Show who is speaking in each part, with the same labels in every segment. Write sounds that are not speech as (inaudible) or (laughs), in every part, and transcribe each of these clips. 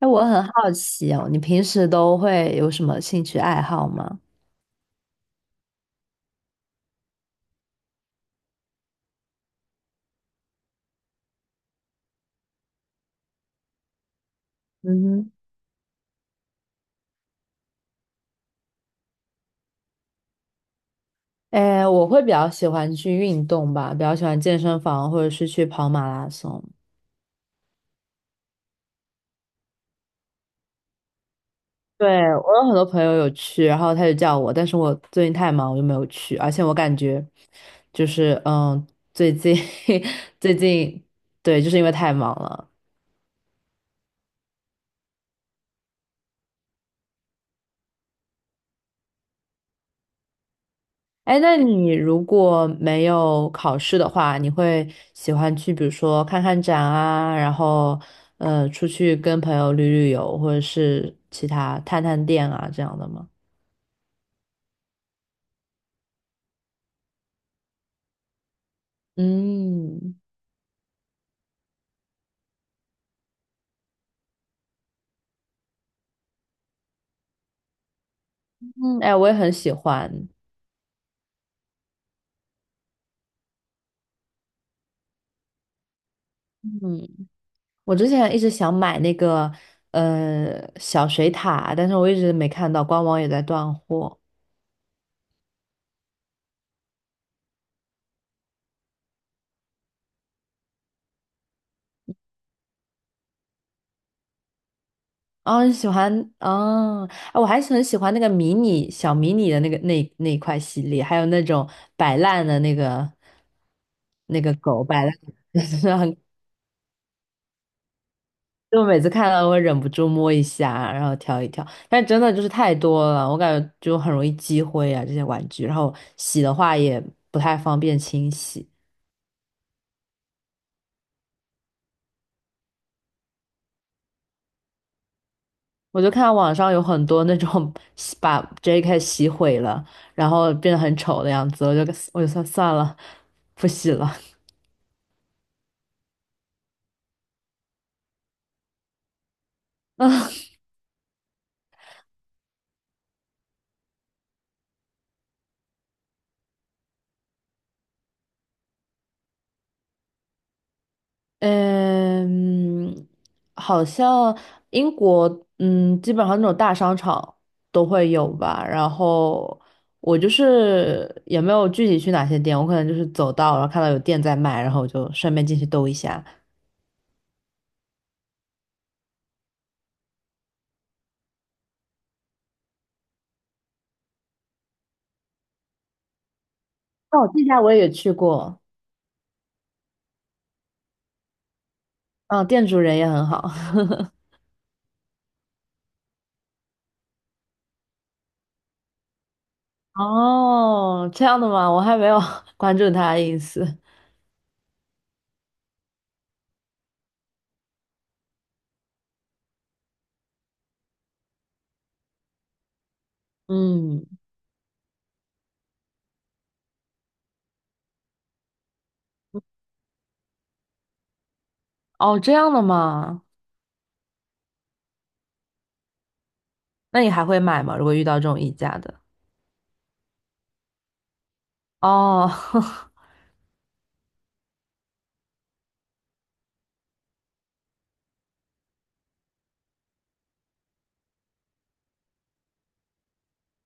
Speaker 1: 哎，我很好奇哦，你平时都会有什么兴趣爱好吗？嗯哼。哎，我会比较喜欢去运动吧，比较喜欢健身房或者是去跑马拉松。对，我有很多朋友有去，然后他就叫我，但是我最近太忙，我就没有去。而且我感觉，就是嗯，最近 (laughs) 最近，对，就是因为太忙了。哎，那你如果没有考试的话，你会喜欢去，比如说看看展啊，然后出去跟朋友旅旅游，或者是其他探探店啊这样的吗？嗯嗯，哎，我也很喜欢。嗯，我之前一直想买那个小水塔，但是我一直没看到，官网也在断货。啊，喜欢，哦！啊我还是很喜欢那个迷你小迷你的那个那一块系列，还有那种摆烂的那个那个狗摆烂。(laughs) 就是很，(laughs) 就我每次看到会忍不住摸一下，然后挑一挑，但真的就是太多了，我感觉就很容易积灰啊这些玩具，然后洗的话也不太方便清洗。我就看到网上有很多那种 (laughs) 洗把 JK 洗毁了，然后变得很丑的样子，我就算算了，不洗了。(laughs) 啊，嗯，好像英国，嗯，基本上那种大商场都会有吧。然后我就是也没有具体去哪些店，我可能就是走到，然后看到有店在卖，然后我就顺便进去兜一下。哦，这家我也去过，嗯，店主人也很好。(laughs) 哦，这样的吗？我还没有 (laughs) 关注他的意思。嗯，哦，这样的吗？那你还会买吗？如果遇到这种溢价的？哦。(laughs)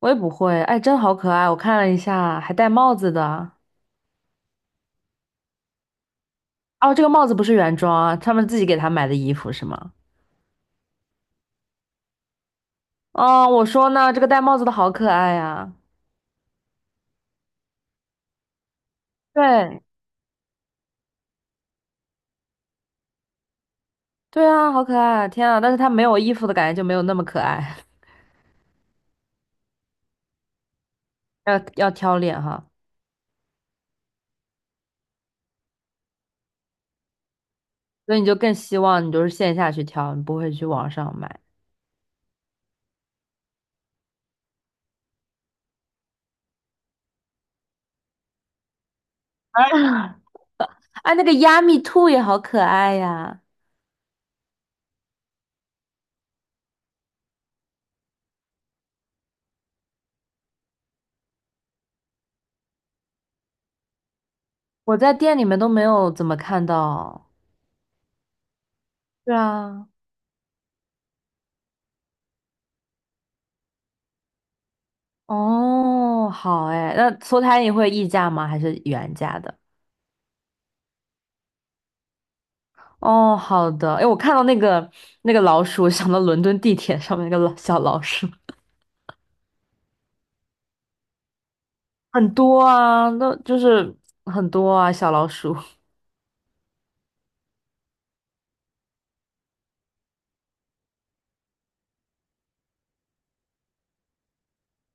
Speaker 1: 我也不会，哎，真好可爱！我看了一下，还戴帽子的。哦，这个帽子不是原装啊，他们自己给他买的衣服是吗？哦，我说呢，这个戴帽子的好可爱呀、对，对啊，好可爱！天啊，但是他没有衣服的感觉就没有那么可爱。(laughs) 要挑脸哈，所以你就更希望你就是线下去挑，你不会去网上买。啊，哎，那个亚米兔也好可爱呀，我在店里面都没有怎么看到。对啊，哦，好哎，那搓汤你会议价吗？还是原价的？哦，好的。哎，我看到那个那个老鼠 (laughs)，想到伦敦地铁上面那个老小老鼠，很多啊，那就是很多啊，小老鼠。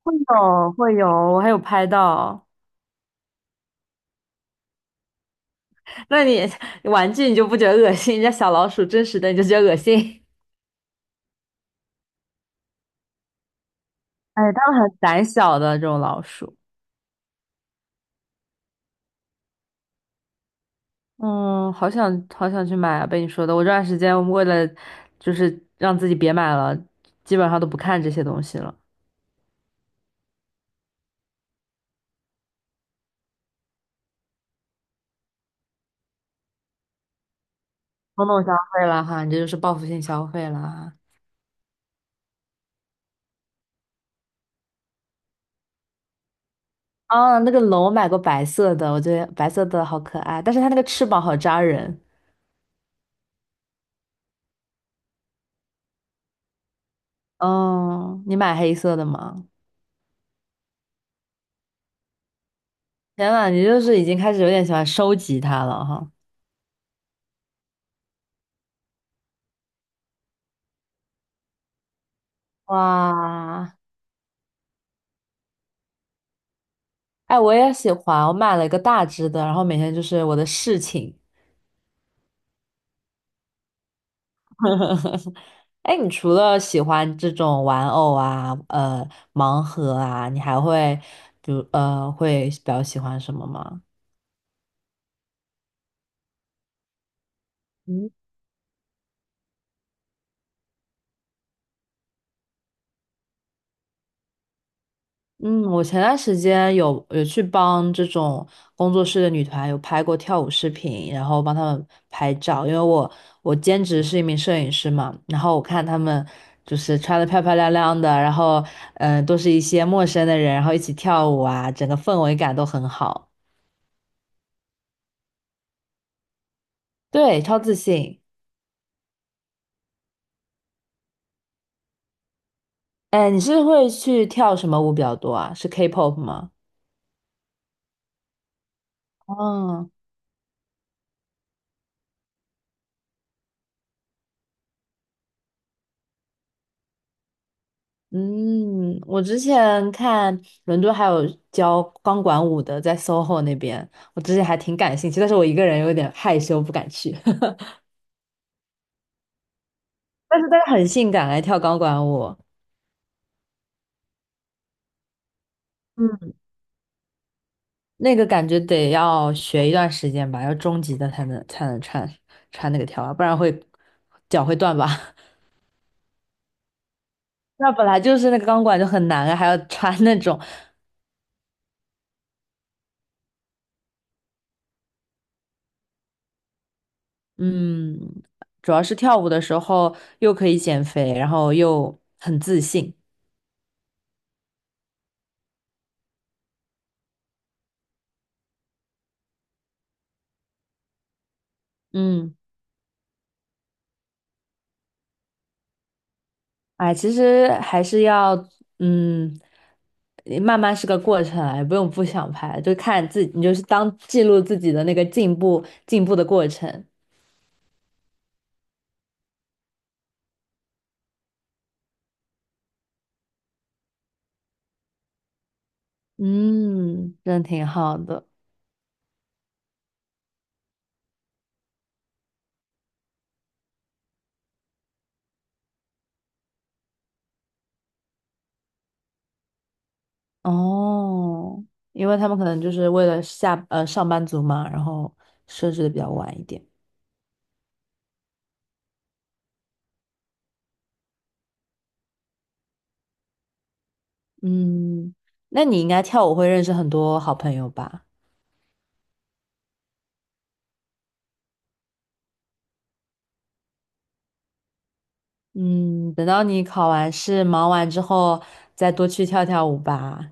Speaker 1: 会有会有，我还有拍到。那你玩具你就不觉得恶心？人家小老鼠真实的你就觉得恶心？哎，它们很胆小的这种老鼠。嗯，好想好想去买啊！被你说的，我这段时间为了就是让自己别买了，基本上都不看这些东西了。冲动消费了哈，你这就是报复性消费了哈。啊，那个龙我买过白色的，我觉得白色的好可爱，但是它那个翅膀好扎人。嗯，你买黑色的吗？天呐，你就是已经开始有点喜欢收集它了哈。哇，哎，我也喜欢，我买了一个大只的，然后每天就是我的侍寝。(laughs) 呵呵呵哎，你除了喜欢这种玩偶啊，呃，盲盒啊，你还会，比如呃，会比较喜欢什么吗？嗯嗯，我前段时间有去帮这种工作室的女团有拍过跳舞视频，然后帮她们拍照，因为我兼职是一名摄影师嘛，然后我看她们就是穿的漂漂亮亮的，然后都是一些陌生的人，然后一起跳舞啊，整个氛围感都很好，对，超自信。哎，你是会去跳什么舞比较多啊？是 K-pop 吗？哦，嗯，我之前看伦敦还有教钢管舞的，在 SOHO 那边，我之前还挺感兴趣，但是我一个人有点害羞，不敢去。(laughs) 但是很性感，哎，跳钢管舞，嗯，那个感觉得要学一段时间吧，要中级的才能穿穿那个跳啊，不然会脚会断吧。(laughs) 那本来就是那个钢管就很难啊，还要穿那种，嗯，主要是跳舞的时候又可以减肥，然后又很自信。嗯，哎，其实还是要嗯，慢慢是个过程啊，也不用不想拍，就看自己，你就是当记录自己的那个进步的过程。嗯，真挺好的。哦，因为他们可能就是为了下上班族嘛，然后设置的比较晚一点。嗯，那你应该跳舞会认识很多好朋友吧？嗯，等到你考完试、忙完之后，再多去跳跳舞吧。